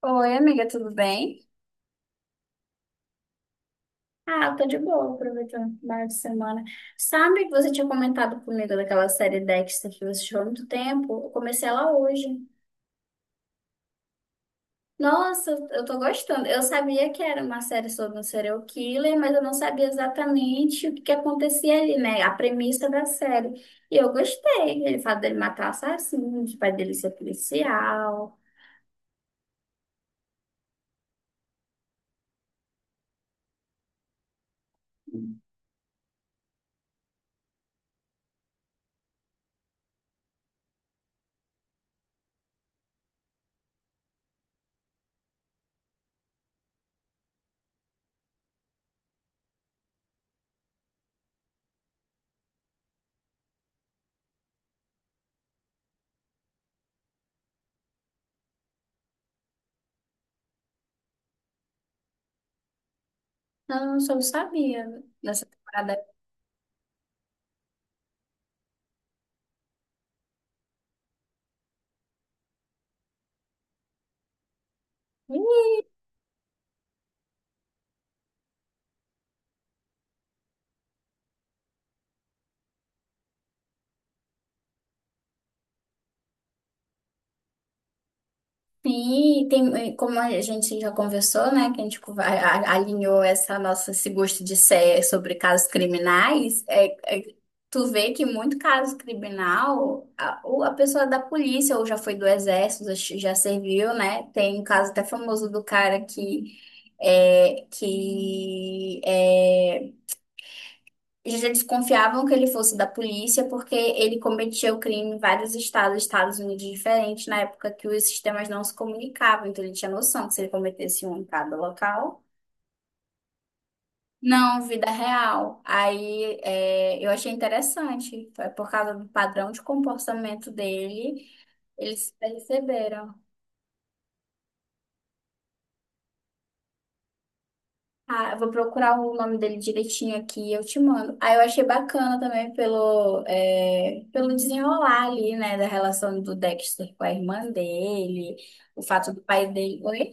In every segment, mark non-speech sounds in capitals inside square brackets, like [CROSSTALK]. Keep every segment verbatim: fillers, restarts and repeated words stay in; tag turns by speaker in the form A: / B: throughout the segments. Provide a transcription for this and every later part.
A: Oi, amiga, tudo bem? Ah, eu tô de boa, aproveitando o final de semana. Sabe que você tinha comentado comigo daquela série Dexter que você assistiu há muito tempo? Eu comecei ela hoje. Nossa, eu tô gostando. Eu sabia que era uma série sobre um serial killer, mas eu não sabia exatamente o que que acontecia ali, né? A premissa da série. E eu gostei. Ele fala dele matar assassinos, o pai dele ser policial. Não, eu só não sabia dessa temporada. Sim, tem, como a gente já conversou, né, que a gente co- a- a- alinhou essa nossa, esse gosto de ser sobre casos criminais, é, é- tu vê que muito caso criminal, a, ou a pessoa é da polícia, ou já foi do exército, já já serviu, né, tem um caso até famoso do cara que, é, que é, eles já desconfiavam que ele fosse da polícia porque ele cometia o crime em vários estados, Estados Unidos diferentes, na época que os sistemas não se comunicavam, então ele tinha noção que se ele cometesse um em cada local, não, vida real. Aí é, eu achei interessante, foi por causa do padrão de comportamento dele, eles perceberam. Ah, eu vou procurar o nome dele direitinho aqui e eu te mando. Aí eu achei bacana também pelo, é, pelo desenrolar ali, né, da relação do Dexter com a irmã dele, o fato do pai dele. Oi?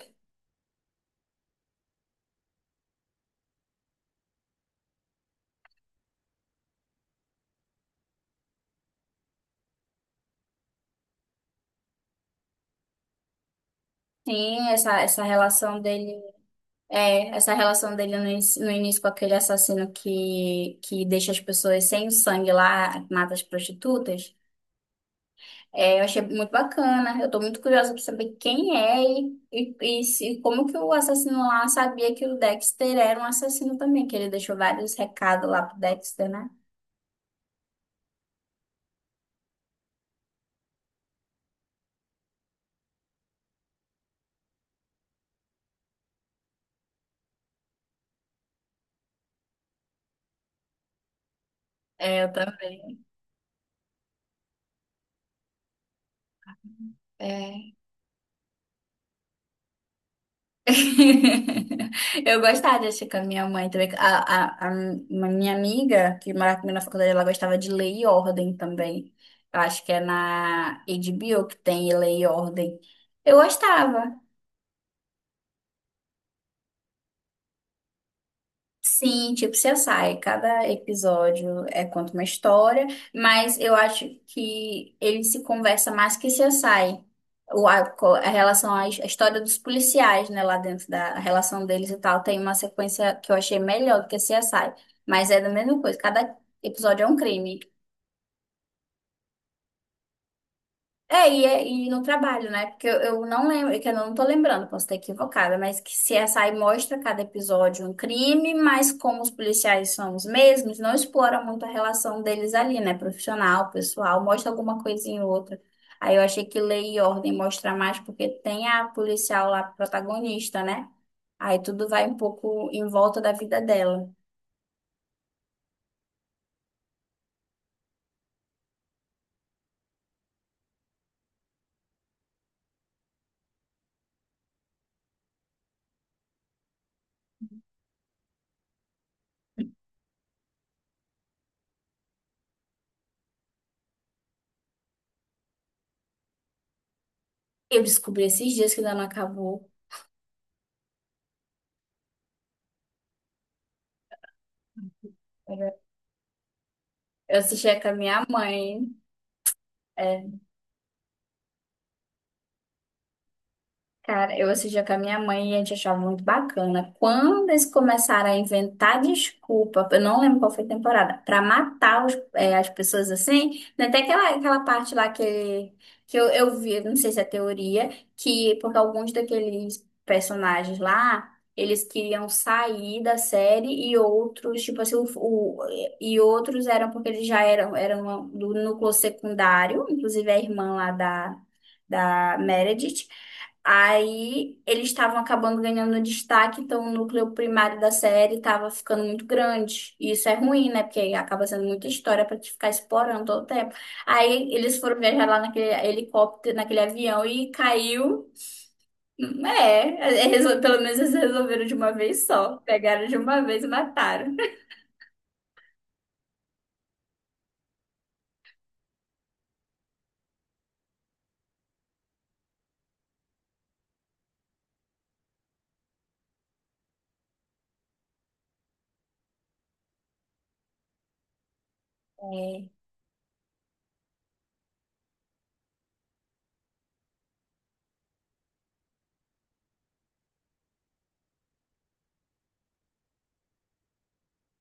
A: Sim, essa, essa relação dele. É, essa relação dele no, inici- no início com aquele assassino que, que deixa as pessoas sem o sangue lá, mata as prostitutas. É, eu achei muito bacana. Eu tô muito curiosa pra saber quem é e, e, e se- como que o assassino lá sabia que o Dexter era um assassino também, que ele deixou vários recados lá pro Dexter, né? É, eu também. É. [LAUGHS] Eu gostava de assistir com a minha mãe também. A, a, a Uma minha amiga, que morava comigo na faculdade, ela gostava de Lei e Ordem também. Eu acho que é na H B O que tem Lei e Ordem. Eu gostava. Sim, tipo C S I, cada episódio é conta uma história, mas eu acho que ele se conversa mais que C S I. O, a, co- a relação à his- A história dos policiais, né, lá dentro da a relação deles e tal, tem uma sequência que eu achei melhor do que C S I, mas é da mesma coisa, cada episódio é um crime. É, e, é- e no trabalho, né? Porque eu, eu não lembro, é que eu não tô lembrando, posso estar equivocada, mas que C S I mostra cada episódio um crime, mas como os policiais são os mesmos, não explora muito a relação deles ali, né? Profissional, pessoal, mostra alguma coisinha ou outra. Aí eu achei que Lei e Ordem mostra mais, porque tem a policial lá protagonista, né? Aí tudo vai um pouco em volta da vida dela. Eu descobri esses dias que ainda não acabou. Eu assisti com a minha mãe. é, Cara, eu assistia com a minha mãe e a gente achava muito bacana. Quando eles começaram a inventar desculpa, eu não lembro qual foi a temporada, pra matar os- é, as pessoas assim, né? Até aquela, aquela parte lá que, que eu, eu vi, não sei se é teoria, que porque alguns daqueles personagens lá, eles queriam sair da série e outros, tipo assim, o, o- e outros eram porque eles já eram, eram do núcleo secundário, inclusive a irmã lá da, da Meredith. Aí eles estavam acabando ganhando destaque, então o núcleo primário da série estava ficando muito grande. E isso é ruim, né? Porque aí acaba sendo muita história para te ficar explorando todo o tempo. Aí eles foram viajar lá naquele helicóptero, naquele avião e caiu. É, é é, resol- pelo menos eles resolveram de uma vez só. Pegaram de uma vez e mataram. É.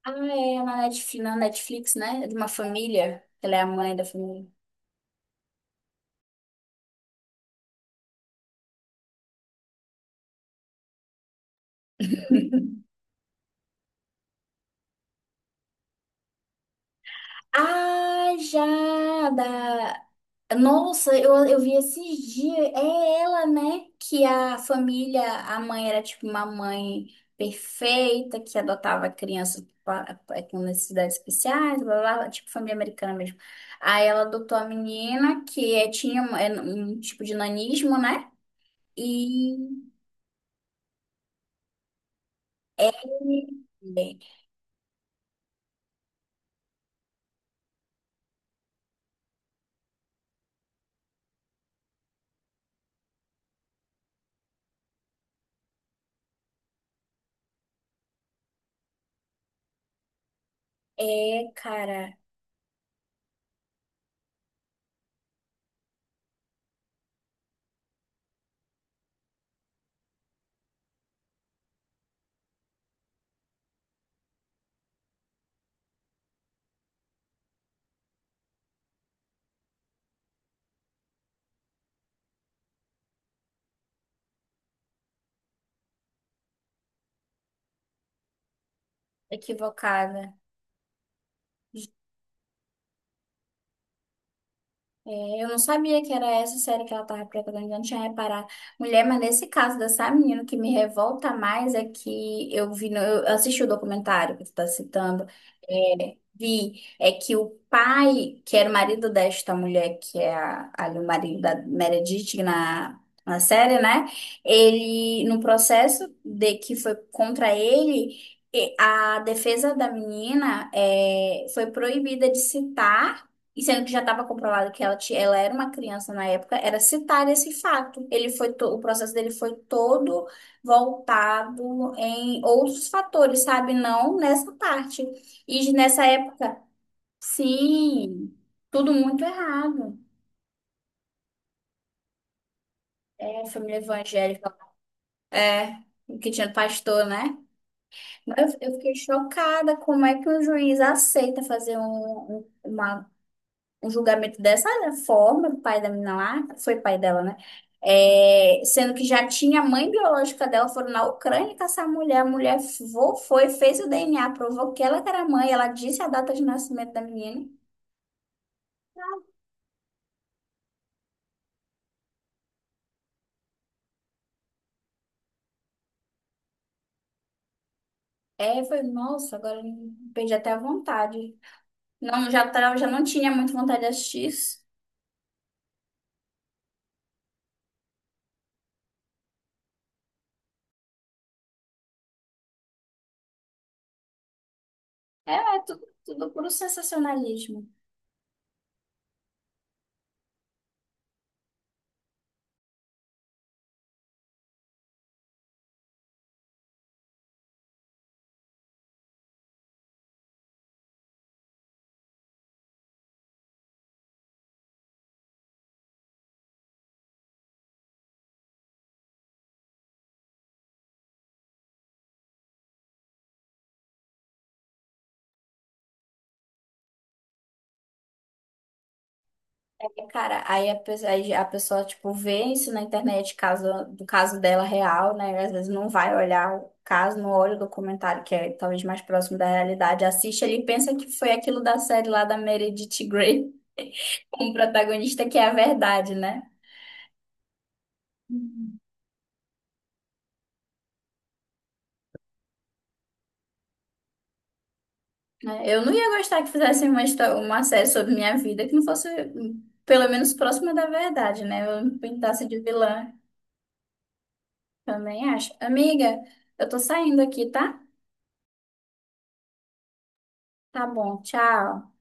A: Ah, é na Netflix, na Netflix, né? De uma família. Ela é a mãe da família. [LAUGHS] Ah, já! Nossa, eu, eu vi esses dias. É ela, né? Que a família, a mãe era tipo uma mãe perfeita, que adotava crianças pa- pa- com necessidades especiais, blá, blá, blá, tipo família americana mesmo. Aí ela adotou a menina, que é- tinha um, é um tipo de nanismo, né? E é, é, é, cara, equivocada. É, eu não sabia que era essa série que ela estava preparando, eu não tinha reparado. Mulher, mas nesse caso dessa menina, o que me revolta mais é que eu vi, no- eu assisti o documentário que tu tá citando, é, vi, é que o pai, que era o marido desta mulher, que é a- ali o marido da Meredith na, na série, né? Ele, no processo de que foi contra ele, e a defesa da menina é, foi proibida de citar e sendo que já estava comprovado que ela, ti- ela era uma criança na época, era citar esse fato. Ele foi to- o processo dele foi todo voltado em outros fatores, sabe? Não nessa parte. E nessa época, sim, tudo muito errado. É, família evangélica, é, que tinha pastor, né? Mas eu eu fiquei chocada como é que um juiz aceita fazer um, um- uma um julgamento dessa né, forma, do pai da menina lá, foi pai dela, né? É, sendo que já tinha a mãe biológica dela, foram na Ucrânia caçar a mulher, a mulher vo- foi, fez o D N A, provou que ela que era a mãe, ela disse a data de nascimento da menina. É, foi Nossa, agora eu perdi até a vontade. Não, já, tava, já não tinha muito vontade de assistir isso. É, é tudo, tudo puro sensacionalismo. Cara, aí a pessoa, a pessoa, tipo, vê isso na internet, caso, do caso dela real, né? Às vezes não vai olhar o caso, não olha o documentário, que é talvez mais próximo da realidade. Assiste ali e pensa que foi aquilo da série lá da Meredith Grey, [LAUGHS] com o protagonista, que é a verdade, né? Uhum. Né? Eu não ia gostar que fizessem uma, histó- uma série sobre minha vida que não fosse, hum, pelo menos, próxima da verdade, né? Eu não pintasse de vilã, também acho. Amiga, eu tô saindo aqui, tá? Tá bom, tchau.